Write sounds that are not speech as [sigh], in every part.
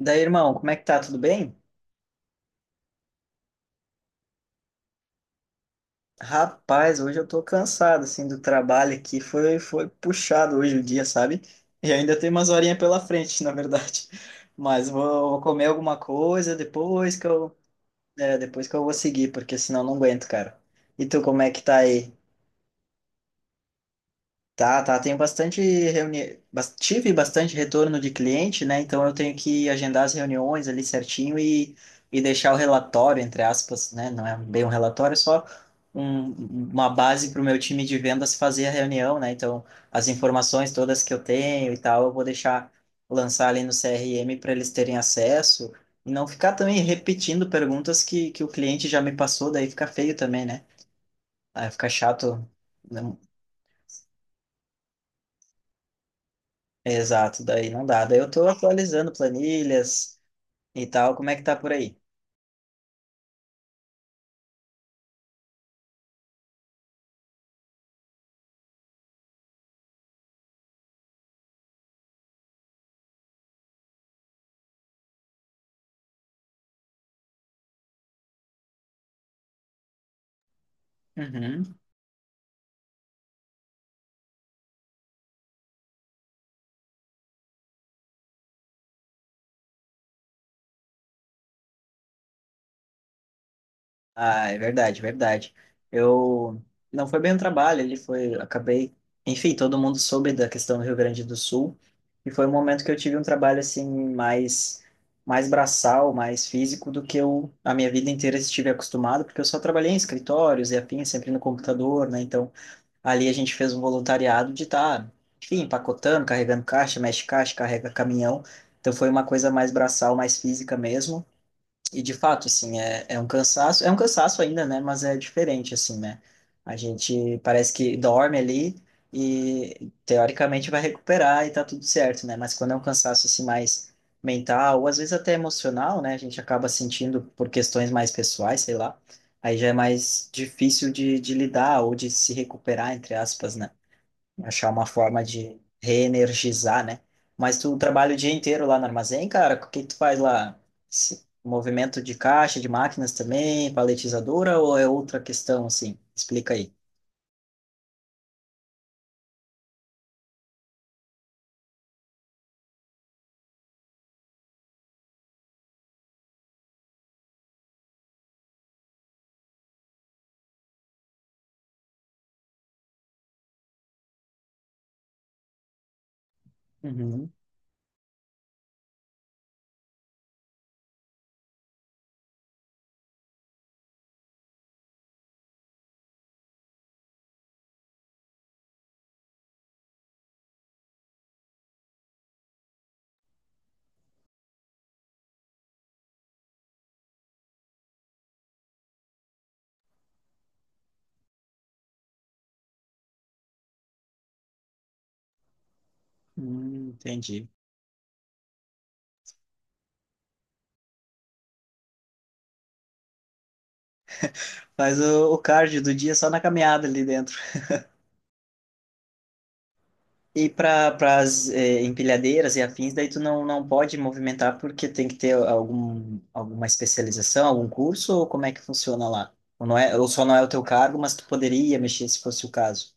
Daí, irmão, como é que tá? Tudo bem? Rapaz, hoje eu tô cansado, assim, do trabalho aqui. Foi puxado hoje o dia, sabe? E ainda tem umas horinhas pela frente, [laughs] na verdade. Mas vou comer alguma coisa depois que eu vou seguir, porque senão não aguento, cara. E tu, como é que tá aí? Tá, tá. Tenho tive bastante retorno de cliente, né? Então eu tenho que agendar as reuniões ali certinho e deixar o relatório, entre aspas, né? Não é bem um relatório, é só um, uma base para o meu time de vendas fazer a reunião, né? Então as informações todas que eu tenho e tal, eu vou deixar lançar ali no CRM para eles terem acesso e não ficar também repetindo perguntas que o cliente já me passou, daí fica feio também, né? Aí fica chato né? Exato, daí não dá. Daí eu tô atualizando planilhas e tal. Como é que tá por aí? Uhum. Ah, é verdade, verdade. Eu não foi bem um trabalho, ele foi, acabei, enfim, todo mundo soube da questão do Rio Grande do Sul e foi um momento que eu tive um trabalho assim mais mais braçal, mais físico do que eu a minha vida inteira estive acostumado, porque eu só trabalhei em escritórios e afim, sempre no computador, né? Então Ali a gente fez um voluntariado de estar, enfim, empacotando, carregando caixa, mexe caixa, carrega caminhão. Então foi uma coisa mais braçal, mais física mesmo. E de fato, assim, é um cansaço, é um cansaço ainda, né? Mas é diferente, assim, né? A gente parece que dorme ali e teoricamente vai recuperar e tá tudo certo, né? Mas quando é um cansaço assim mais mental, ou às vezes até emocional, né? A gente acaba sentindo por questões mais pessoais, sei lá. Aí já é mais difícil de lidar ou de se recuperar, entre aspas, né? Achar uma forma de reenergizar, né? Mas tu trabalha o dia inteiro lá no armazém, cara? O que que tu faz lá? Movimento de caixa, de máquinas também, paletizadora ou é outra questão assim? Explica aí. Uhum. Entendi. Faz o cardio do dia só na caminhada ali dentro. E para as empilhadeiras e afins, daí tu não pode movimentar porque tem que ter algum, alguma especialização, algum curso, ou como é que funciona lá? Ou, não é, ou só não é o teu cargo, mas tu poderia mexer se fosse o caso.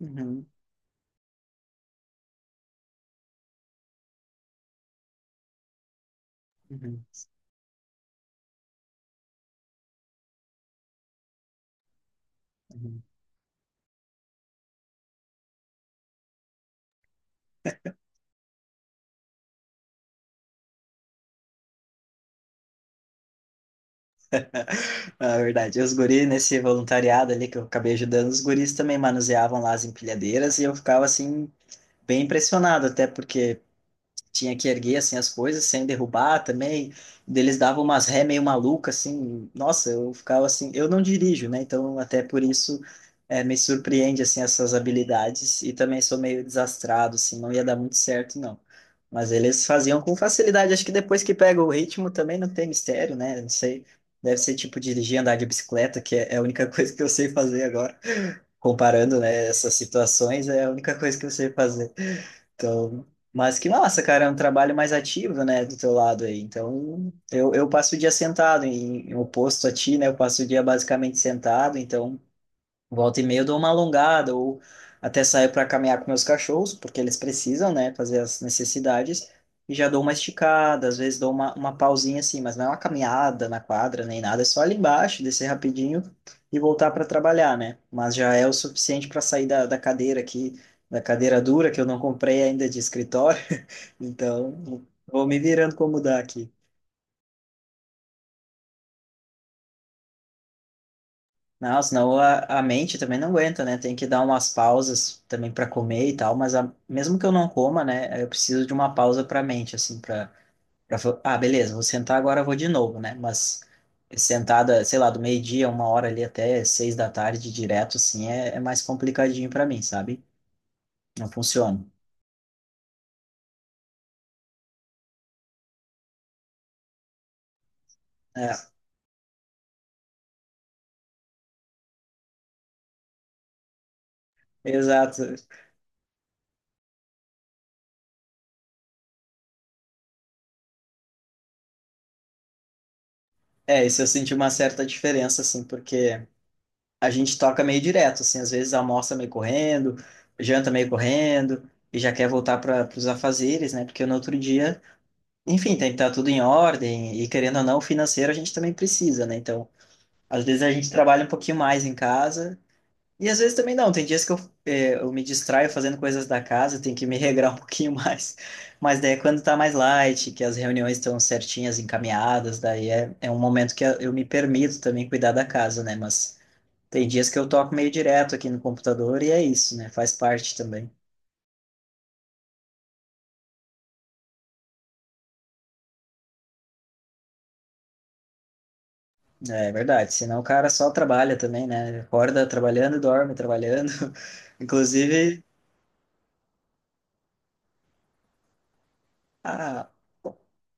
Uhum, uhum, uhum. [laughs] Ah, é verdade. Os guris, nesse voluntariado ali que eu acabei ajudando, os guris também manuseavam lá as empilhadeiras e eu ficava assim, bem impressionado, até porque tinha que erguer assim as coisas sem derrubar também. Eles davam umas ré meio maluca assim. Nossa, eu ficava assim, eu não dirijo, né? Então até por isso me surpreende assim essas habilidades e também sou meio desastrado assim, não ia dar muito certo não. Mas eles faziam com facilidade, acho que depois que pega o ritmo também não tem mistério, né? Não sei. Deve ser tipo dirigir, andar de bicicleta, que é a única [laughs] coisa que eu sei fazer agora comparando, né, essas situações, é a única coisa que eu sei fazer. Então, mas que massa, cara, é um trabalho mais ativo, né, do teu lado aí. Então, eu passo o dia sentado, em oposto a ti, né, eu passo o dia basicamente sentado, então Volta e meia eu dou uma alongada ou até saio para caminhar com meus cachorros, porque eles precisam, né, fazer as necessidades. E já dou uma esticada, às vezes dou uma pausinha assim, mas não é uma caminhada na quadra nem nada, é só ali embaixo, descer rapidinho e voltar para trabalhar, né? Mas já é o suficiente para sair da cadeira aqui, da cadeira dura que eu não comprei ainda de escritório. [laughs] Então, vou me virando como dá aqui. Não, senão a mente também não aguenta, né? Tem que dar umas pausas também para comer e tal, mas mesmo que eu não coma, né? Eu preciso de uma pausa para a mente, assim, para ah, beleza, vou sentar agora, eu vou de novo, né? Mas sentada, sei lá, do meio-dia, uma hora ali até seis da tarde direto, assim, é mais complicadinho para mim, sabe? Não funciona. É, exato. É, isso eu senti uma certa diferença, assim, porque a gente toca meio direto, assim, às vezes almoça meio correndo, janta meio correndo, e já quer voltar para os afazeres, né? Porque no outro dia, enfim, tem que estar tudo em ordem, e querendo ou não, o financeiro a gente também precisa, né? Então, às vezes a gente trabalha um pouquinho mais em casa, e às vezes também não, tem dias que eu me distraio fazendo coisas da casa, tem que me regrar um [laughs] pouquinho mais, mas daí é quando tá mais light, que as reuniões estão certinhas, encaminhadas, daí é um momento que eu me permito também cuidar da casa, né? Mas tem dias que eu toco meio direto aqui no computador e é isso, né? Faz parte também. É verdade. Senão o cara só trabalha também, né? Acorda trabalhando e dorme trabalhando. [laughs] Inclusive, ah,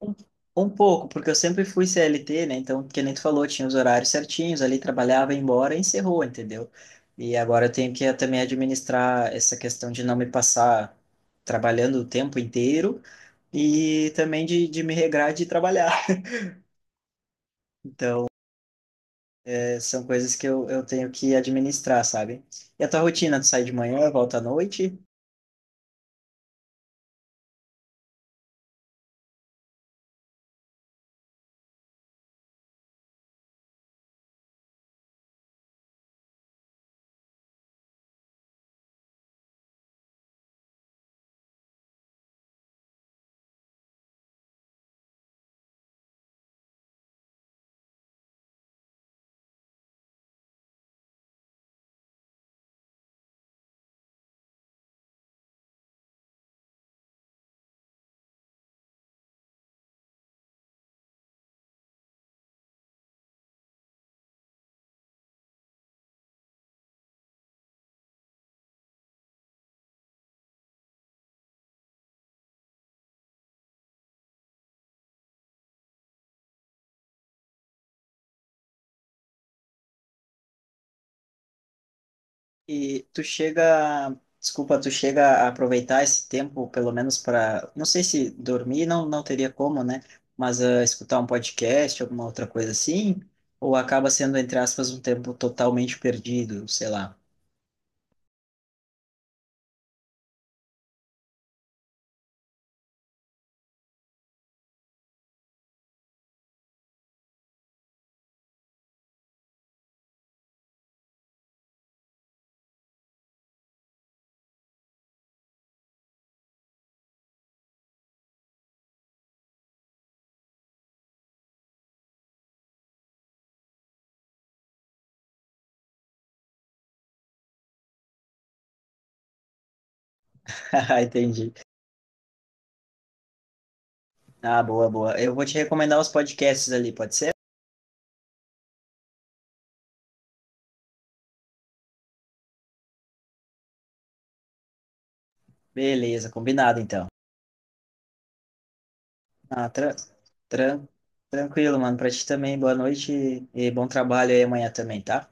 um, um pouco, porque eu sempre fui CLT, né? Então, que nem tu falou, tinha os horários certinhos, ali trabalhava, ia embora e encerrou, entendeu? E agora eu tenho que também administrar essa questão de não me passar trabalhando o tempo inteiro e também de me regrar de trabalhar. [laughs] São coisas que eu tenho que administrar, sabe? E a tua rotina, tu sai de manhã, volta à noite e tu chega, desculpa, tu chega a aproveitar esse tempo, pelo menos para, não sei se dormir não, não teria como, né? Mas ah, escutar um podcast, alguma outra coisa assim, ou acaba sendo, entre aspas, um tempo totalmente perdido, sei lá. [laughs] Ah, entendi. Ah, boa, boa. Eu vou te recomendar os podcasts ali, pode ser? Beleza, combinado então. Ah, tran- tranquilo, mano. Pra ti também, boa noite e bom trabalho aí amanhã também, tá?